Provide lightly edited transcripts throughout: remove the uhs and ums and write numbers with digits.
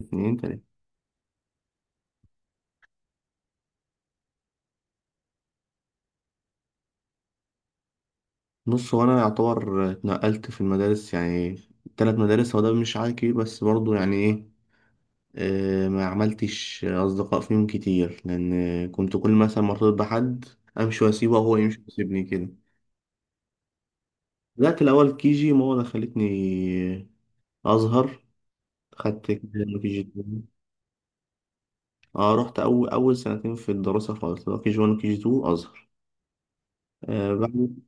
اتنين تلاتة. بص، هو أنا يعتبر اتنقلت في المدارس، يعني تلات مدارس. هو ده مش عادي كبير، بس برضه يعني إيه. ما عملتش أصدقاء فيهم كتير لأن كنت كل مثلا مرتبط بحد، أمشي وأسيبه وهو يمشي ويسيبني كده. بدأت الأول كيجي، ماما خلتني أظهر، خدت كيجي اتنين. اه رحت أول أول سنتين في الدراسة خالص، اللي هو كيجي وان وكيجي تو أزهر. آه بعد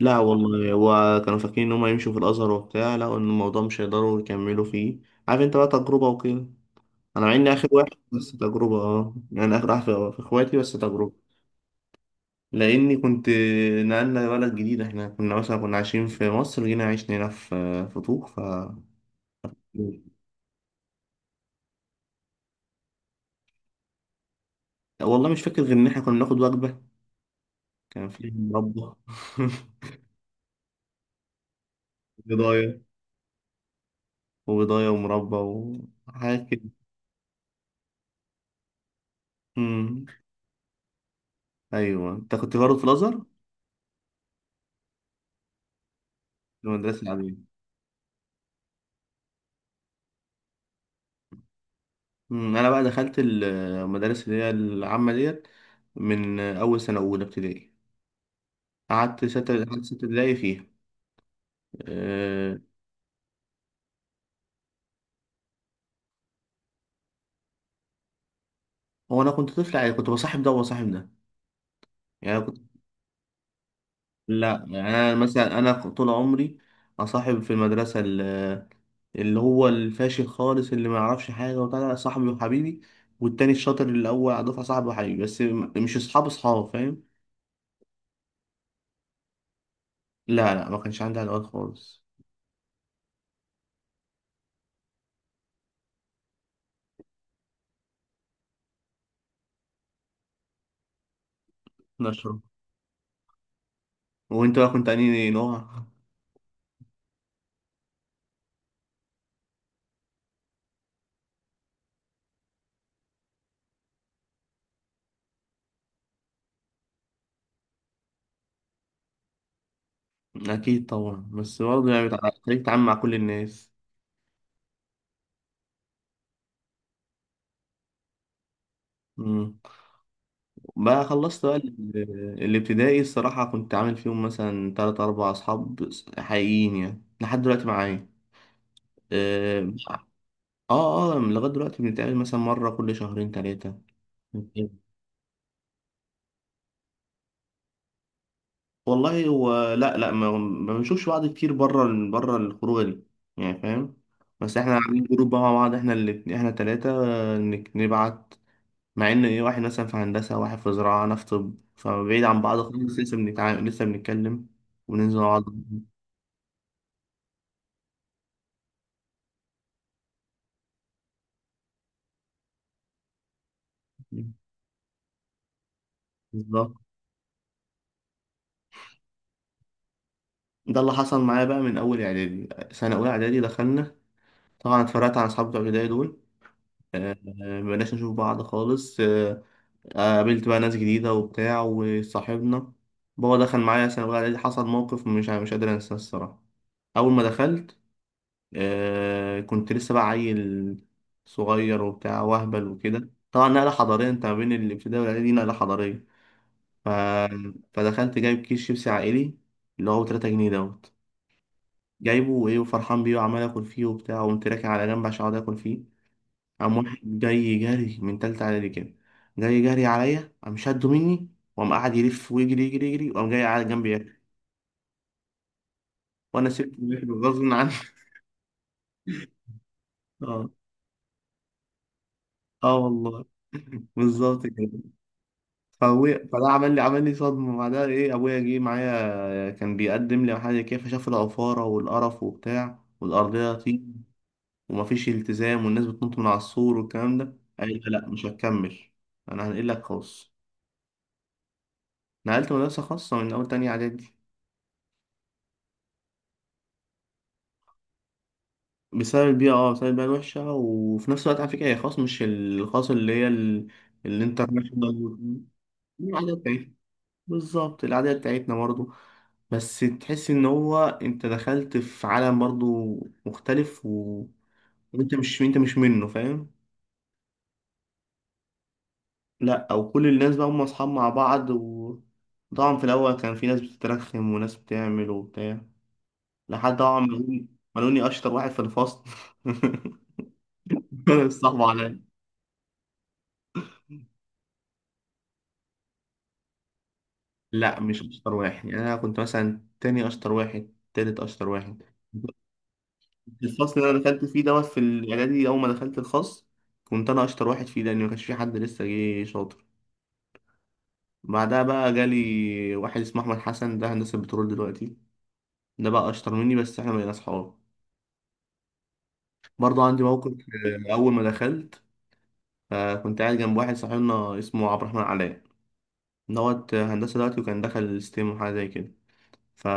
لا والله، هو كانوا فاكرين ان هم يمشوا في الازهر وبتاع، لقوا ان الموضوع مش هيقدروا يكملوا فيه. عارف انت بقى، تجربه وكده. انا مع اني اخر واحد بس تجربه، اه يعني اخر واحد في اخواتي، بس تجربه. لاني كنت نقلنا بلد جديد، احنا كنا مثلا كنا عايشين في مصر، جينا عشنا هنا في طوق. والله مش فاكر غير ان احنا كنا بناخد وجبه كان فيها مربى بيضايه وبيضايه ومربى وحاجات كده. أمم. ايوه، انت كنت برضه في الازهر. في المدرسه العاديه. انا بقى دخلت المدارس اللي هي العامه ديت من اول سنه اولى ابتدائي. قعدت ستة ابتدائي فيها. أه... هو انا كنت طفل، يعني كنت بصاحب ده وبصاحب ده، يعني أنا كنت لا يعني انا، مثلا انا طول عمري اصاحب في المدرسه اللي هو الفاشل خالص، اللي ما يعرفش حاجه وبتاع، ده صاحبي وحبيبي. والتاني الشاطر اللي الاول على الدفعه، صاحبي وحبيبي، بس مش اصحاب اصحاب، فاهم. لا لا، ما كانش عندي علاقات خالص. نشره. وانت بقى كنت انهي نوع؟ أكيد طبعا، بس برضه يعني خليك تتعامل مع كل الناس. مم. بقى خلصت بقى الابتدائي. الصراحة كنت عامل فيهم مثلا تلات أربع أصحاب حقيقيين يعني لحد دلوقتي معايا. اه. اه. لغاية دلوقتي بنتقابل مثلا مرة كل شهرين تلاتة. والله، هو لا لا، ما بنشوفش بعض كتير، بره بره الخروجة دي، يعني فاهم. بس احنا عاملين جروب بقى مع بعض احنا، اللي احنا تلاتة، نبعت. مع ان ايه، واحد مثلا في هندسه، واحد في زراعه، انا في طب، فبعيد عن بعض خالص، لسه بنتعامل، لسه بنتكلم وننزل مع بعض. بالظبط، ده اللي حصل معايا بقى من اول اعدادي. سنه اولى اعدادي دخلنا، طبعا اتفرقت عن اصحابي بتوع البدايه دول، آه، مبقناش نشوف بعض خالص. قابلت بقى ناس جديده وبتاع وصاحبنا. بابا دخل معايا سنه اولى اعدادي، حصل موقف مش قادر انساه الصراحه. اول ما دخلت، كنت لسه بقى عيل صغير وبتاع وهبل وكده، طبعا نقلة حضارية انت ما بين الابتدائي والاعدادي دي، نقلة حضارية. ف... فدخلت جايب كيس شيبسي عائلي اللي هو 3 جنيه دوت، جايبه وايه وفرحان بيه وعمال اكل فيه وبتاع، وقمت راكن على جنب عشان اقعد اكل فيه. قام واحد جاي جري من تالتة اعدادي كده، جاي جري عليا، قام شده مني وقام قاعد يلف ويجري يجري يجري، وقام جاي قاعد جنبي ياكل وانا سبت الواحد غصب عني. اه، اه والله. بالظبط كده. فابويا، فده عمل لي صدمه بعدها، ايه، ابويا جه معايا كان بيقدم لي حاجه كده، فشاف العفاره والقرف وبتاع والارضيه طين ومفيش التزام والناس بتنط من على السور والكلام ده، قال لي لا، مش هتكمل، انا هنقلك خاص. نقلت مدرسه خاصه من اول تانية اعدادي. بسبب البيئه الوحشه، وفي نفس الوقت على فكره هي خاص، مش الخاص اللي هي الانترناشونال، العاديه بتاعتنا. بالظبط، العاديه بتاعتنا برضه، بس تحس ان هو انت دخلت في عالم برضو مختلف وانت مش منه، فاهم. لا، او كل الناس بقى هم اصحاب مع بعض، طبعا في الاول كان في ناس بتترخم وناس بتعمل وبتاع، لحد طبعا ما لقوني اشطر واحد في الفصل. صعب عليا. لا مش اشطر واحد، يعني انا كنت مثلا تاني اشطر واحد، تالت اشطر واحد. في الفصل اللي انا دخلت فيه دوت، في الاعدادي اول ما دخلت الخاص، كنت انا اشطر واحد فيه لان ما كانش في حد لسه جه شاطر. بعدها بقى جالي واحد اسمه احمد حسن، ده هندسه بترول دلوقتي، ده بقى اشطر مني، بس احنا بقينا اصحاب. برضه عندي موقف. اول ما دخلت، كنت قاعد جنب واحد صاحبنا اسمه عبد الرحمن علاء دوت، هندسه دلوقتي وكان دخل ستيم وحاجه زي كده. ف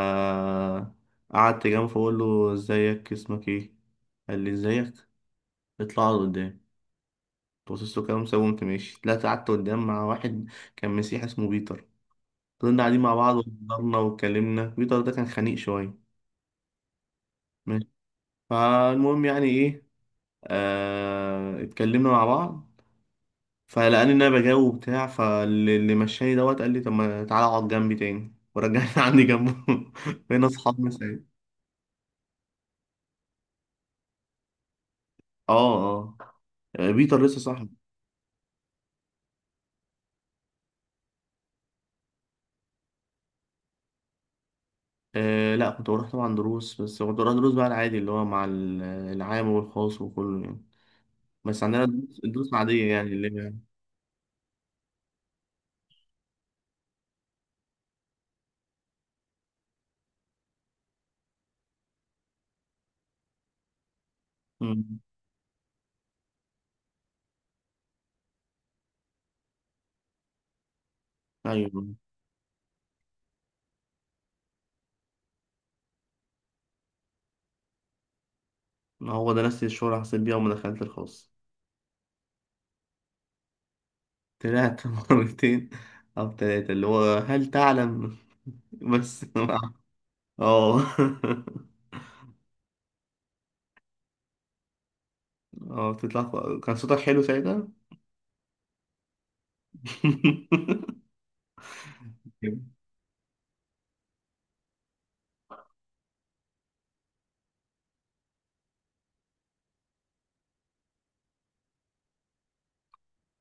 قعدت جنبه، فبقول له ازيك، اسمك ايه، قال لي ازيك، اطلع اقعد قدام. بصيت له كده مسوي، وقمت ماشي، طلعت قعدت قدام مع واحد كان مسيحي اسمه بيتر. فضلنا قاعدين مع بعض وهزرنا واتكلمنا، بيتر ده كان خنيق شويه، فالمهم، يعني ايه، اتكلمنا مع بعض، فلقاني ان انا بجاوب وبتاع، فاللي مشاني دوت قال لي طب ما تعالى اقعد جنبي تاني، ورجعني عندي جنبه، بقينا اصحاب من ساعتها. اه، اه بيتر لسه صاحبي. لا، كنت بروح طبعا دروس، بس كنت بروح دروس بقى العادي اللي هو مع العام والخاص وكله، يعني بس عندنا الدروس العادية يعني اللي هي. مم. ايوه، هو ده نفس الشغل اللي حسيت بيها وما دخلت الخاص. طلعت مرتين أو تلاتة، اللي هو هل تعلم. بس. اه. اه بتطلع، كان صوتك حلو ساعتها.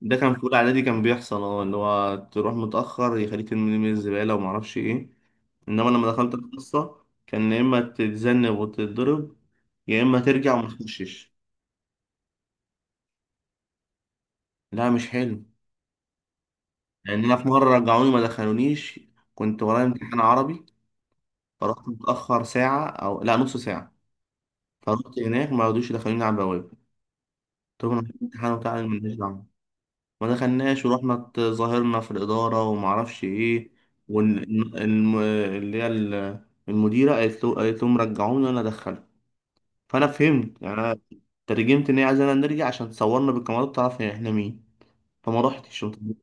ده كان في أولى إعدادي، كان بيحصل اه اللي هو تروح متأخر يخليك ترمي من الزبالة ومعرفش إيه. إنما لما دخلت القصة كان يا إما تتذنب وتتضرب، يا إما ترجع وما تخشش. لا مش حلو. لأن أنا في مرة رجعوني ما دخلونيش، كنت ورايا امتحان عربي، فرحت متأخر ساعة، أو لا نص ساعة. فرحت هناك ما رضوش يدخلوني على البوابة، طب أنا في امتحان وبتاع، أنا ماليش دعوة. ما دخلناش، ورحنا اتظاهرنا في الإدارة ومعرفش إيه، واللي هي المديرة، قالت لهم رجعوني وأنا أدخله. فأنا فهمت يعني، أنا ترجمت إن هي عايزانا نرجع عشان تصورنا بالكاميرات تعرف إحنا مين، فما رحتش، قلت لهم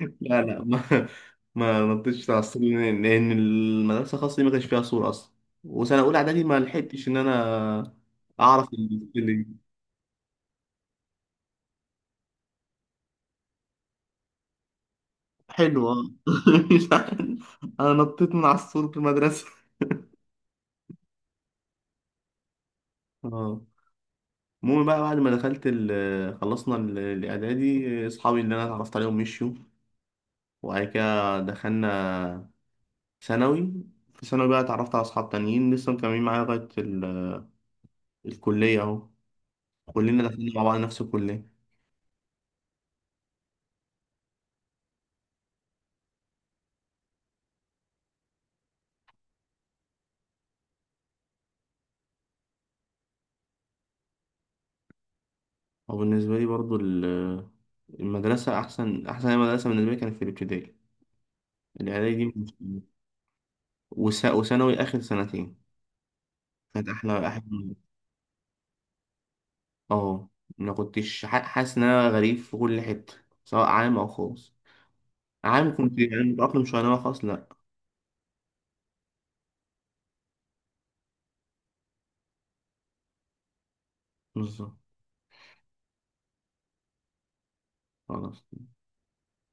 لا. لا ما ما نطيتش على الصورة، لأن المدرسة الخاصة دي ما كانش فيها صورة أصلا، وسنة أولى إعدادي ما لحقتش إن أنا أعرف. حلو اه. مش عارف. انا نطيت من على السور في المدرسه. اه. المهم بقى، بعد ما دخلت ال خلصنا الاعدادي، اصحابي اللي انا اتعرفت عليهم مشيوا، وبعد كده دخلنا ثانوي. في ثانوي بقى اتعرفت على اصحاب تانيين لسه مكملين معايا لغايه الكليه اهو، كلنا داخلين مع بعض نفس الكليه. وبالنسبه لي برضو، المدرسه، احسن احسن مدرسه بالنسبه لي كانت في الابتدائي، الاعدادي دي وثانوي اخر سنتين كانت احلى احلى. اه، ما كنتش حاسس ان انا غريب في كل حته، سواء عام او خاص، عام كنت يعني متأقلم شويه، انما خاص لا. بالظبط، خلاص.